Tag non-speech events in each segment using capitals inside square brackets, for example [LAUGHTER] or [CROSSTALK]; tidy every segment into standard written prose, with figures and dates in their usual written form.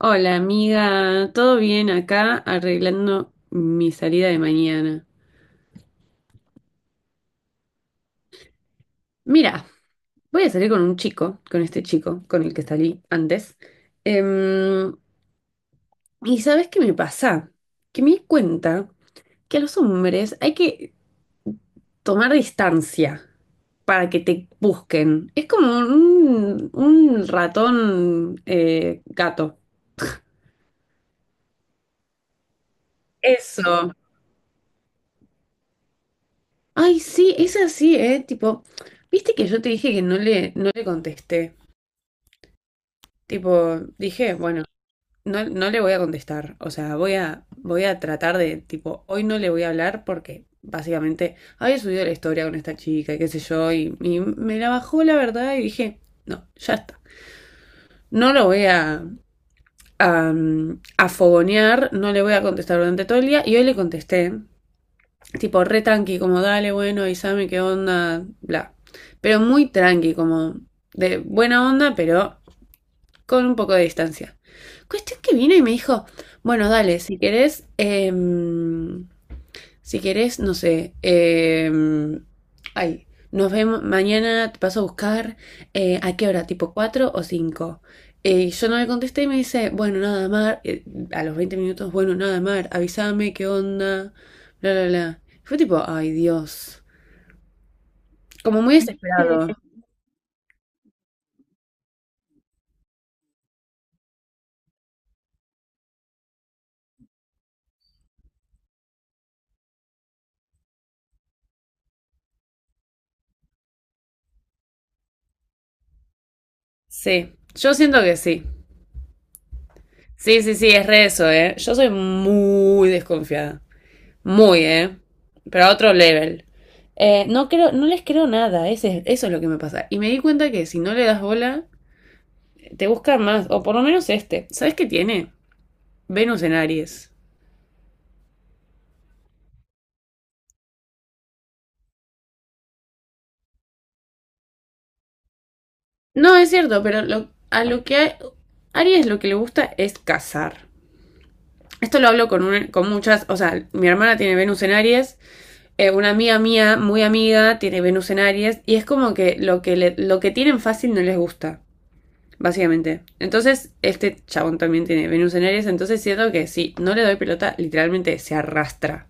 Hola amiga, ¿todo bien acá arreglando mi salida de mañana? Mira, voy a salir con un chico, con este chico con el que salí antes. Em, ¿Y sabes qué me pasa? Que me di cuenta que a los hombres hay que tomar distancia para que te busquen. Es como un ratón gato. Eso. Ay, sí, es así, ¿eh? Tipo, ¿viste que yo te dije que no le contesté? Tipo, dije, bueno, no, no le voy a contestar. O sea, voy a tratar de, tipo, hoy no le voy a hablar porque básicamente había subido la historia con esta chica y qué sé yo, y me la bajó la verdad y dije, no, ya está. No lo voy a, a, a fogonear, no le voy a contestar durante todo el día. Y hoy le contesté, tipo, re tranqui, como, dale, bueno, avísame qué onda, bla. Pero muy tranqui, como, de buena onda, pero con un poco de distancia. Cuestión que vino y me dijo, bueno, dale, si querés, si querés, no sé, ay, nos vemos mañana, te paso a buscar, ¿a qué hora? ¿Tipo 4 o cinco? Yo no le contesté y me dice, bueno, nada, Mar, a los 20 minutos, bueno, nada, Mar, avísame, qué onda, bla, bla, bla. Fue tipo, ay, Dios, como muy desesperado. Sí, yo siento que sí. Sí, sí, sí, es re eso, ¿eh? Yo soy muy desconfiada. Muy, ¿eh? Pero a otro level. No creo, no les creo nada, ese, eso es lo que me pasa. Y me di cuenta que si no le das bola, te buscan más, o por lo menos este. ¿Sabes qué tiene? Venus en Aries. No, es cierto, pero lo, a lo que a Aries lo que le gusta es cazar. Esto lo hablo con, con muchas, o sea, mi hermana tiene Venus en Aries, una amiga mía, muy amiga, tiene Venus en Aries y es como que lo que tienen fácil no les gusta, básicamente. Entonces, este chabón también tiene Venus en Aries, entonces siento que si no le doy pelota, literalmente se arrastra.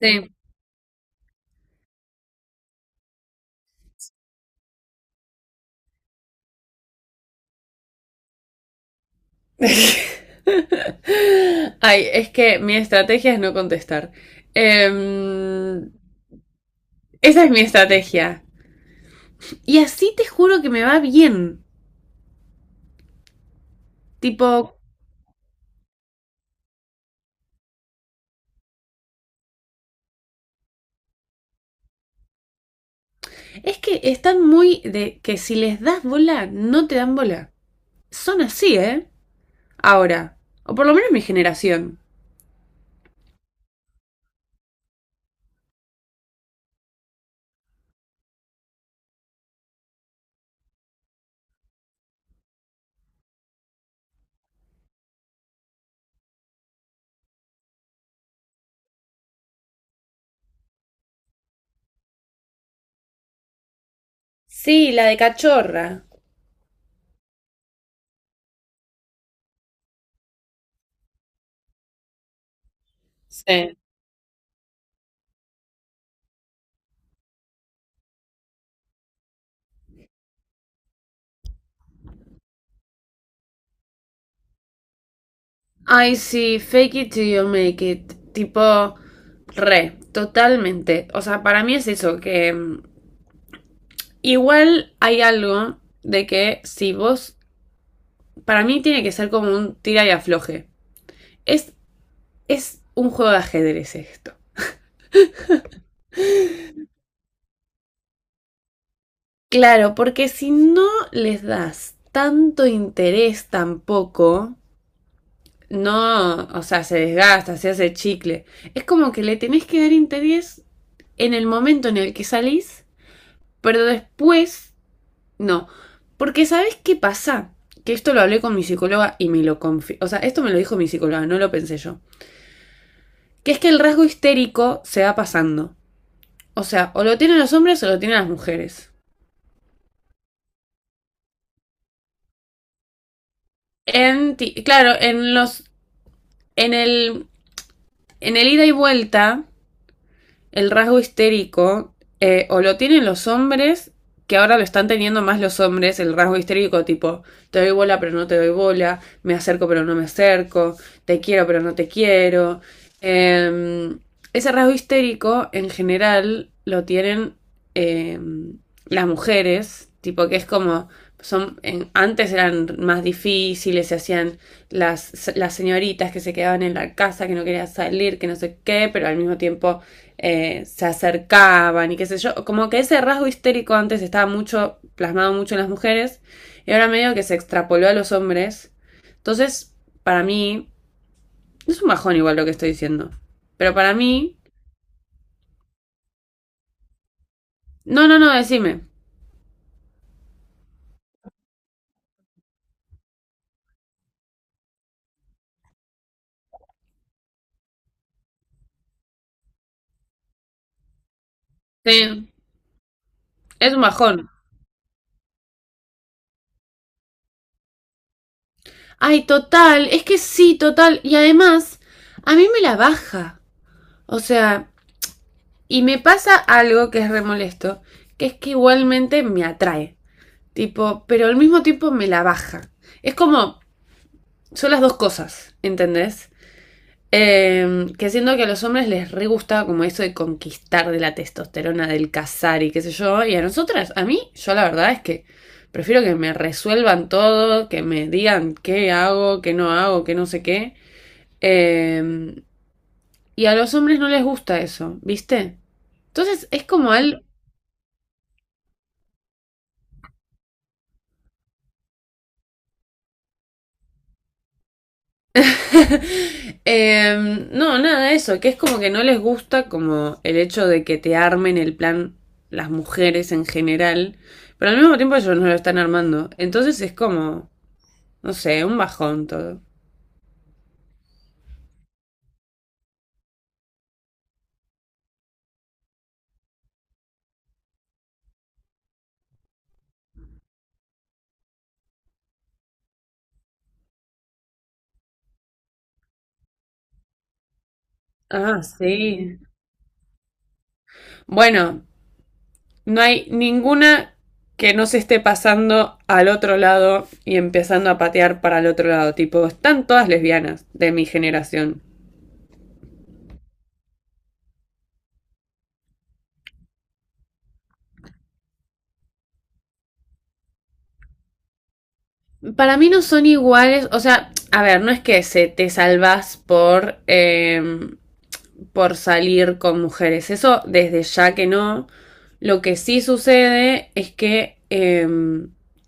Sí. [LAUGHS] Ay, es que mi estrategia es no contestar. Em, Esa es mi estrategia. Y así te juro que me va bien. Tipo, es que están muy de que si les das bola, no te dan bola. Son así, ¿eh? Ahora. O por lo menos mi generación. Sí, la de cachorra. Sí. Ay, sí, fake it till you make it. Tipo, re, totalmente. O sea, para mí es eso, que mm, igual hay algo de que si vos, para mí tiene que ser como un tira y afloje. Es, es un juego de ajedrez esto. Claro, porque si no les das tanto interés tampoco. No, o sea, se desgasta, se hace chicle. Es como que le tenés que dar interés en el momento en el que salís, pero después no. Porque ¿sabés qué pasa? Que esto lo hablé con mi psicóloga y me lo confío. O sea, esto me lo dijo mi psicóloga, no lo pensé yo. Que es que el rasgo histérico se va pasando. O sea, o lo tienen los hombres o lo tienen las mujeres. Claro, en los... En el... En el ida y vuelta, el rasgo histérico, o lo tienen los hombres, que ahora lo están teniendo más los hombres, el rasgo histérico, tipo, te doy bola pero no te doy bola, me acerco pero no me acerco, te quiero pero no te quiero. Eh, Ese rasgo histérico en general lo tienen eh, las mujeres, tipo que es como, son, antes eran más difíciles, se hacían las señoritas que se quedaban en la casa, que no querían salir, que no sé qué, pero al mismo tiempo se acercaban y qué sé yo. Como que ese rasgo histérico antes estaba mucho, plasmado mucho en las mujeres, y ahora medio que se extrapoló a los hombres. Entonces, para mí, es un bajón igual lo que estoy diciendo. Pero para mí, no, no, no, decime. Sí, es un bajón. Ay, total, es que sí, total. Y además, a mí me la baja. O sea, y me pasa algo que es re molesto, que es que igualmente me atrae. Tipo, pero al mismo tiempo me la baja. Es como, son las dos cosas, ¿entendés? Que siento que a los hombres les re gustaba como eso de conquistar, de la testosterona, del cazar y qué sé yo. Y a nosotras, a mí, yo la verdad es que prefiero que me resuelvan todo, que me digan qué hago, qué no sé qué. Eh, y a los hombres no les gusta eso, ¿viste? Entonces es como algo. [LAUGHS] No, nada, eso, que es como que no les gusta como el hecho de que te armen el plan las mujeres en general, pero al mismo tiempo ellos no lo están armando. Entonces es como, no sé, un bajón todo. Ah, sí. Bueno, no hay ninguna que no se esté pasando al otro lado y empezando a patear para el otro lado. Tipo, están todas lesbianas de mi generación. Para mí no son iguales, o sea, a ver, no es que se te salvas por salir con mujeres, eso desde ya que no. Lo que sí sucede es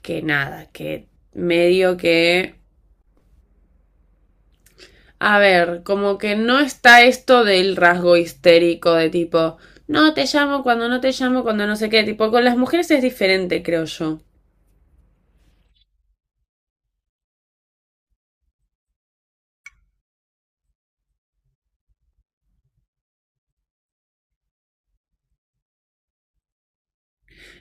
que nada, que medio que... A ver, como que no está esto del rasgo histérico de tipo, no te llamo cuando no te llamo, cuando no sé qué, tipo, con las mujeres es diferente, creo yo.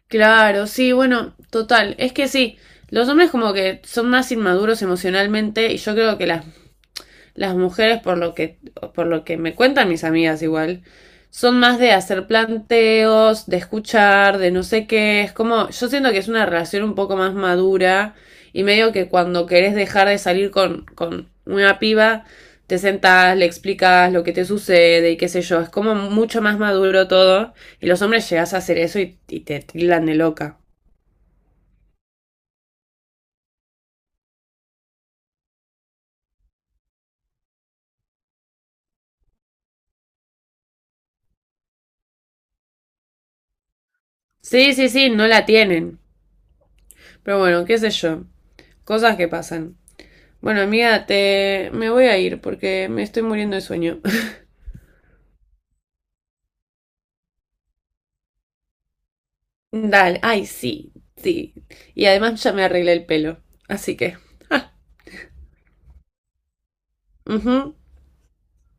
Claro, sí, bueno, total. Es que sí, los hombres como que son más inmaduros emocionalmente y yo creo que las mujeres, por lo que me cuentan mis amigas igual, son más de hacer planteos, de escuchar, de no sé qué. Es como, yo siento que es una relación un poco más madura y medio que cuando querés dejar de salir con una piba, te sentás, le explicas lo que te sucede y qué sé yo. Es como mucho más maduro todo y los hombres llegás a hacer eso y te tildan de loca. Sí, sí, sí, no la tienen. Pero bueno, qué sé yo. Cosas que pasan. Bueno, amiga, te... me voy a ir porque me estoy muriendo de sueño. [LAUGHS] Dale, ay, sí, sí. Y además ya me arreglé el pelo, así que... ah, ujú.